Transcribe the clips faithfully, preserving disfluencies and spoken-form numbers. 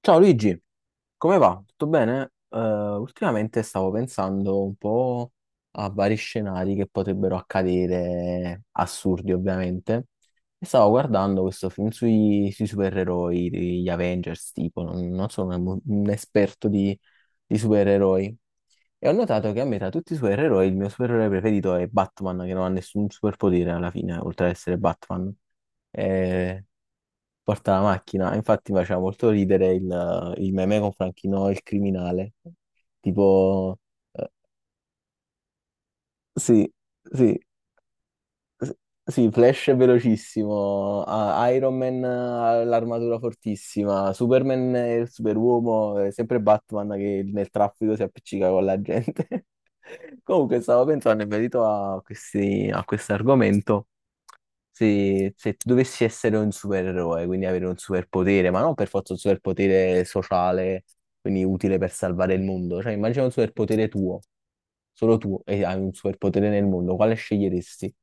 Ciao Luigi, come va? Tutto bene? Eh, ultimamente stavo pensando un po' a vari scenari che potrebbero accadere, assurdi ovviamente, e stavo guardando questo film sui, sui supereroi, gli Avengers, tipo, non, non sono un, un esperto di, di supereroi, e ho notato che a me tra tutti i supereroi il mio supereroe preferito è Batman, che non ha nessun superpotere alla fine, oltre ad essere Batman. Eh, porta la macchina. Infatti mi faceva molto ridere il, il meme con Franchino, il criminale. Tipo, eh, sì, sì, S- sì, Flash è velocissimo, a- Iron Man ha l'armatura fortissima, Superman è il superuomo, è sempre Batman che nel traffico si appiccica con la gente. Comunque stavo pensando in merito a questi, a questo argomento, se, se tu dovessi essere un supereroe, quindi avere un superpotere, ma non per forza un superpotere sociale, quindi utile per salvare il mondo, cioè immagina un superpotere tuo, solo tu, e hai un superpotere nel mondo, quale sceglieresti?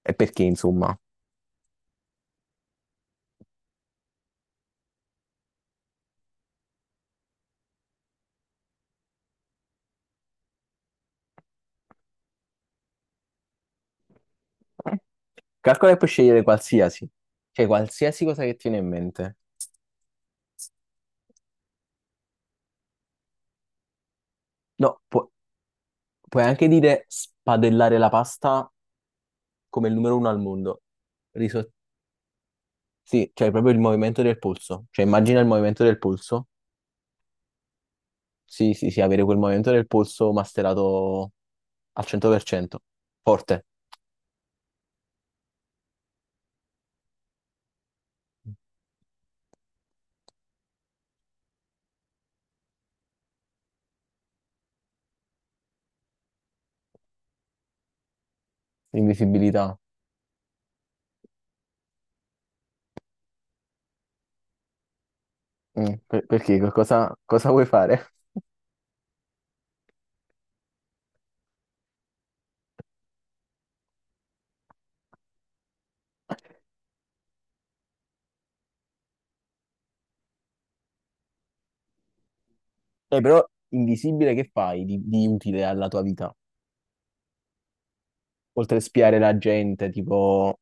E perché, insomma? Eh. Calcola che puoi scegliere qualsiasi, cioè qualsiasi cosa che ti viene in mente. No, pu- puoi anche dire spadellare la pasta come il numero uno al mondo. Riso- sì, cioè proprio il movimento del polso. Cioè immagina il movimento del polso. Sì, sì, sì, avere quel movimento del polso masterato al cento per cento. Forte. Invisibilità. Mm, per- perché? Cosa, cosa vuoi fare? Eh, però invisibile che fai di, di utile alla tua vita? Oltre a spiare la gente, tipo...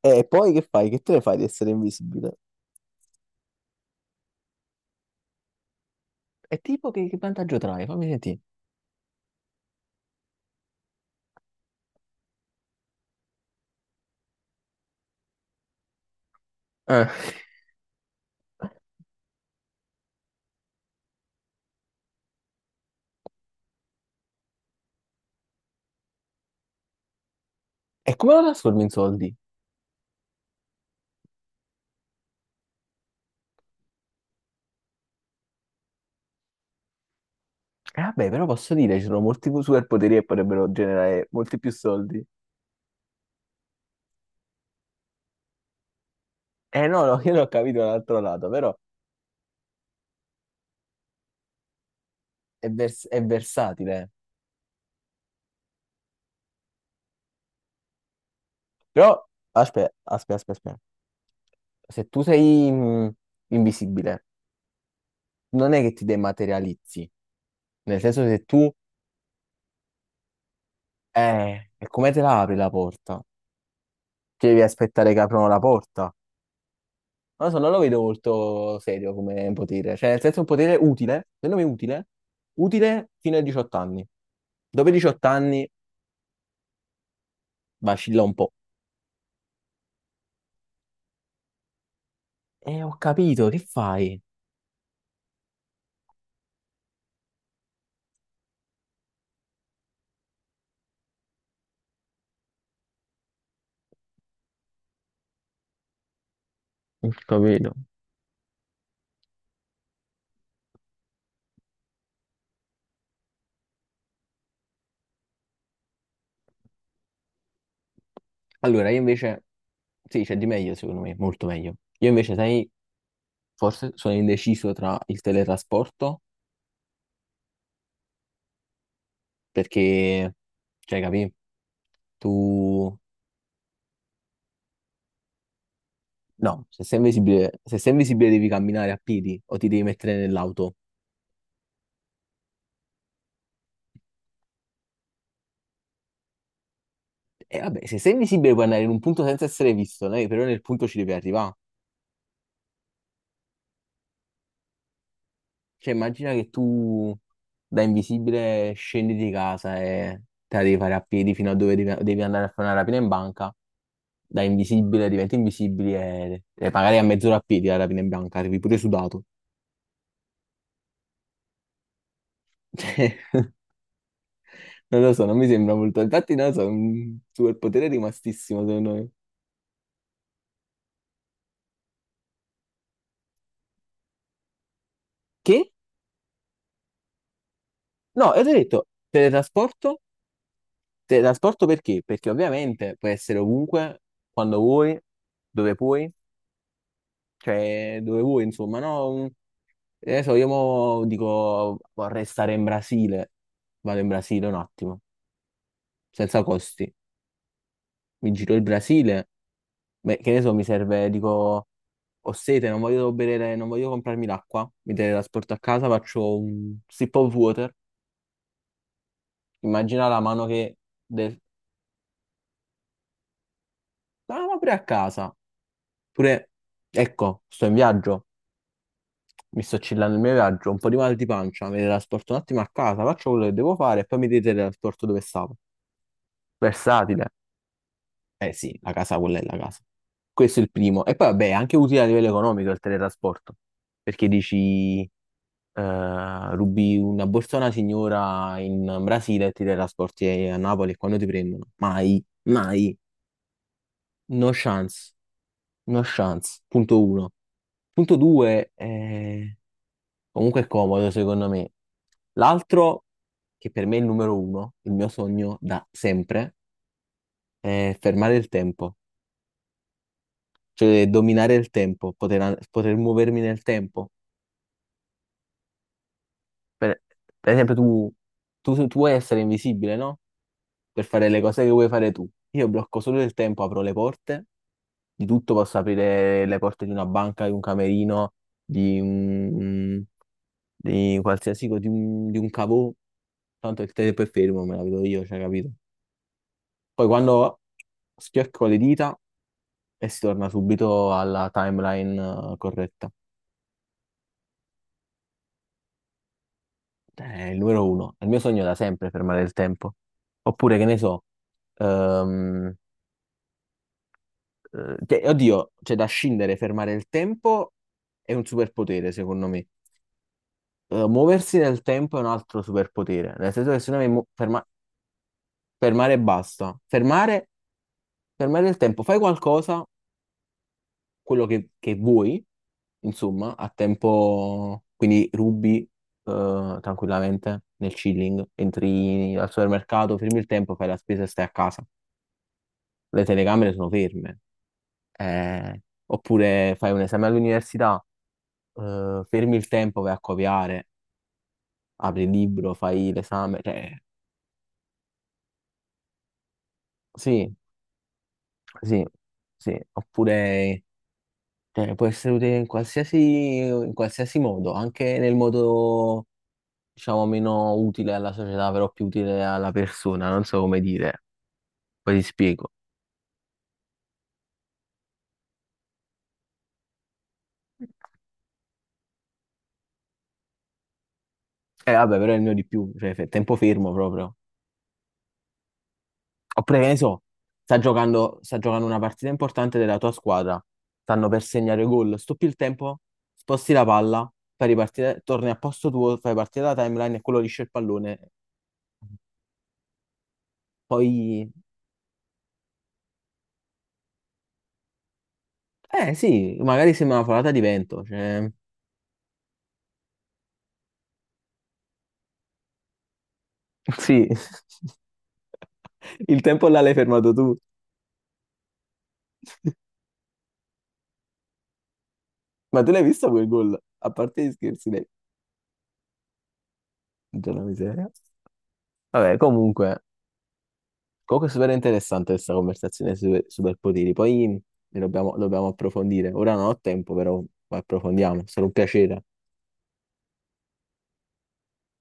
E poi che fai? Che te ne fai di essere invisibile? E tipo che, che vantaggio trae? Fammi sentire. Eh. E come lo trasformi in soldi? Eh, vabbè, però posso dire, ci sono molti pu- superpoteri che potrebbero generare molti più soldi. Eh no, no, io non ho capito l'altro lato, però è, vers- è versatile. Però, aspetta, aspetta, aspetta, aspetta. Se tu sei mh, invisibile, non è che ti dematerializzi, nel senso se tu... Eh, e come te la apri la porta? Ti devi aspettare che aprono la porta. Non lo so, non lo vedo molto serio come potere. Cioè, nel senso è un potere utile, secondo me utile, utile fino ai diciotto anni. Dopo i diciotto anni vacilla un po'. Eh, ho capito, che fai? Ho capito. Allora, io invece... Sì, c'è di meglio, secondo me, molto meglio. Io invece, sai, forse sono indeciso tra il teletrasporto, perché, cioè, capì? Tu no, se sei invisibile, se sei invisibile devi camminare a piedi o ti devi mettere nell'auto. E vabbè, se sei invisibile puoi andare in un punto senza essere visto, né? Però nel punto ci devi arrivare. Cioè, immagina che tu da invisibile scendi di casa e te la devi fare a piedi fino a dove devi, devi andare a fare una rapina in banca. Da invisibile diventi invisibile e, e magari a mezz'ora a piedi la rapina in banca, arrivi pure sudato. Cioè, non lo so, non mi sembra molto. Infatti, non lo so, è un superpotere rimastissimo secondo me. Che? No, e ti ho detto, teletrasporto? Teletrasporto perché? Perché ovviamente puoi essere ovunque, quando vuoi, dove puoi, cioè dove vuoi, insomma, no? Un- che ne so, io mo dico vorrei stare in Brasile, vado in Brasile un attimo, senza costi. Mi giro il Brasile, beh, che ne so, mi serve, dico, ho sete, non voglio bere, non voglio comprarmi l'acqua, mi teletrasporto a casa, faccio un sip of water, immagina la mano che... del- Ah, ma pure a casa. Pure, ecco, sto in viaggio, mi sto chillando il mio viaggio, un po' di mal di pancia, mi teletrasporto un attimo a casa, faccio quello che devo fare e poi mi teletrasporto dove stavo. Versatile. Eh sì, la casa quella è la casa. Questo è il primo. E poi vabbè, è anche utile a livello economico il teletrasporto, perché dici, eh, rubi una borsa a una signora in Brasile e ti teletrasporti a Napoli e quando ti prendono? Mai, mai, no chance, no chance. Punto uno. Punto due, eh, comunque è comodo secondo me. L'altro, che per me è il numero uno, il mio sogno da sempre, è fermare il tempo, cioè dominare il tempo, poter, an- poter muovermi nel tempo. Per, per esempio, tu, tu, tu vuoi essere invisibile, no? Per fare le cose che vuoi fare tu. Io blocco solo il tempo, apro le porte, di tutto posso aprire le porte di una banca, di un camerino, di un, di qualsiasi, co- di un, di un cavò, tanto il tempo è fermo, me la vedo io, cioè, capito? Poi quando schiocco le dita e si torna subito alla timeline eh, corretta. Eh, È il numero uno. È il mio sogno da sempre fermare il tempo. Oppure, che ne so, ehm, eh, che- oddio, c'è da scindere, fermare il tempo è un superpotere, secondo me. Eh, muoversi nel tempo è un altro superpotere. Nel senso che se noi mo- ferma- fermare e basta. Fermare, fermare il tempo, fai qualcosa quello che, che vuoi, insomma, a tempo, quindi rubi eh, tranquillamente nel chilling, entri al supermercato, fermi il tempo, fai la spesa e stai a casa. Le telecamere sono ferme. Eh, oppure fai un esame all'università, eh, fermi il tempo, vai a copiare, apri il libro, fai l'esame. Cioè, sì, sì, sì. Oppure cioè, può essere utile in qualsiasi, in qualsiasi modo, anche nel modo diciamo, meno utile alla società, però più utile alla persona, non so come dire. Poi ti spiego. Eh, vabbè, però è il mio di più, cioè, fe- tempo fermo proprio. Oppure, che ne so, sta giocando, sta giocando una partita importante della tua squadra, stanno per segnare gol, stoppi il tempo, sposti la palla, fai ripartire, torni a posto tuo, fai partire la timeline e quello liscia il pallone. Poi, eh sì, magari sembra una folata di vento, cioè... Sì, il tempo là l'hai fermato tu, ma tu l'hai visto quel gol? A parte gli scherzi, Madonna miseria. Vabbè, comunque, comunque è super interessante questa conversazione sui superpoteri. Poi lo dobbiamo, lo dobbiamo approfondire. Ora non ho tempo, però approfondiamo. Sarà un piacere.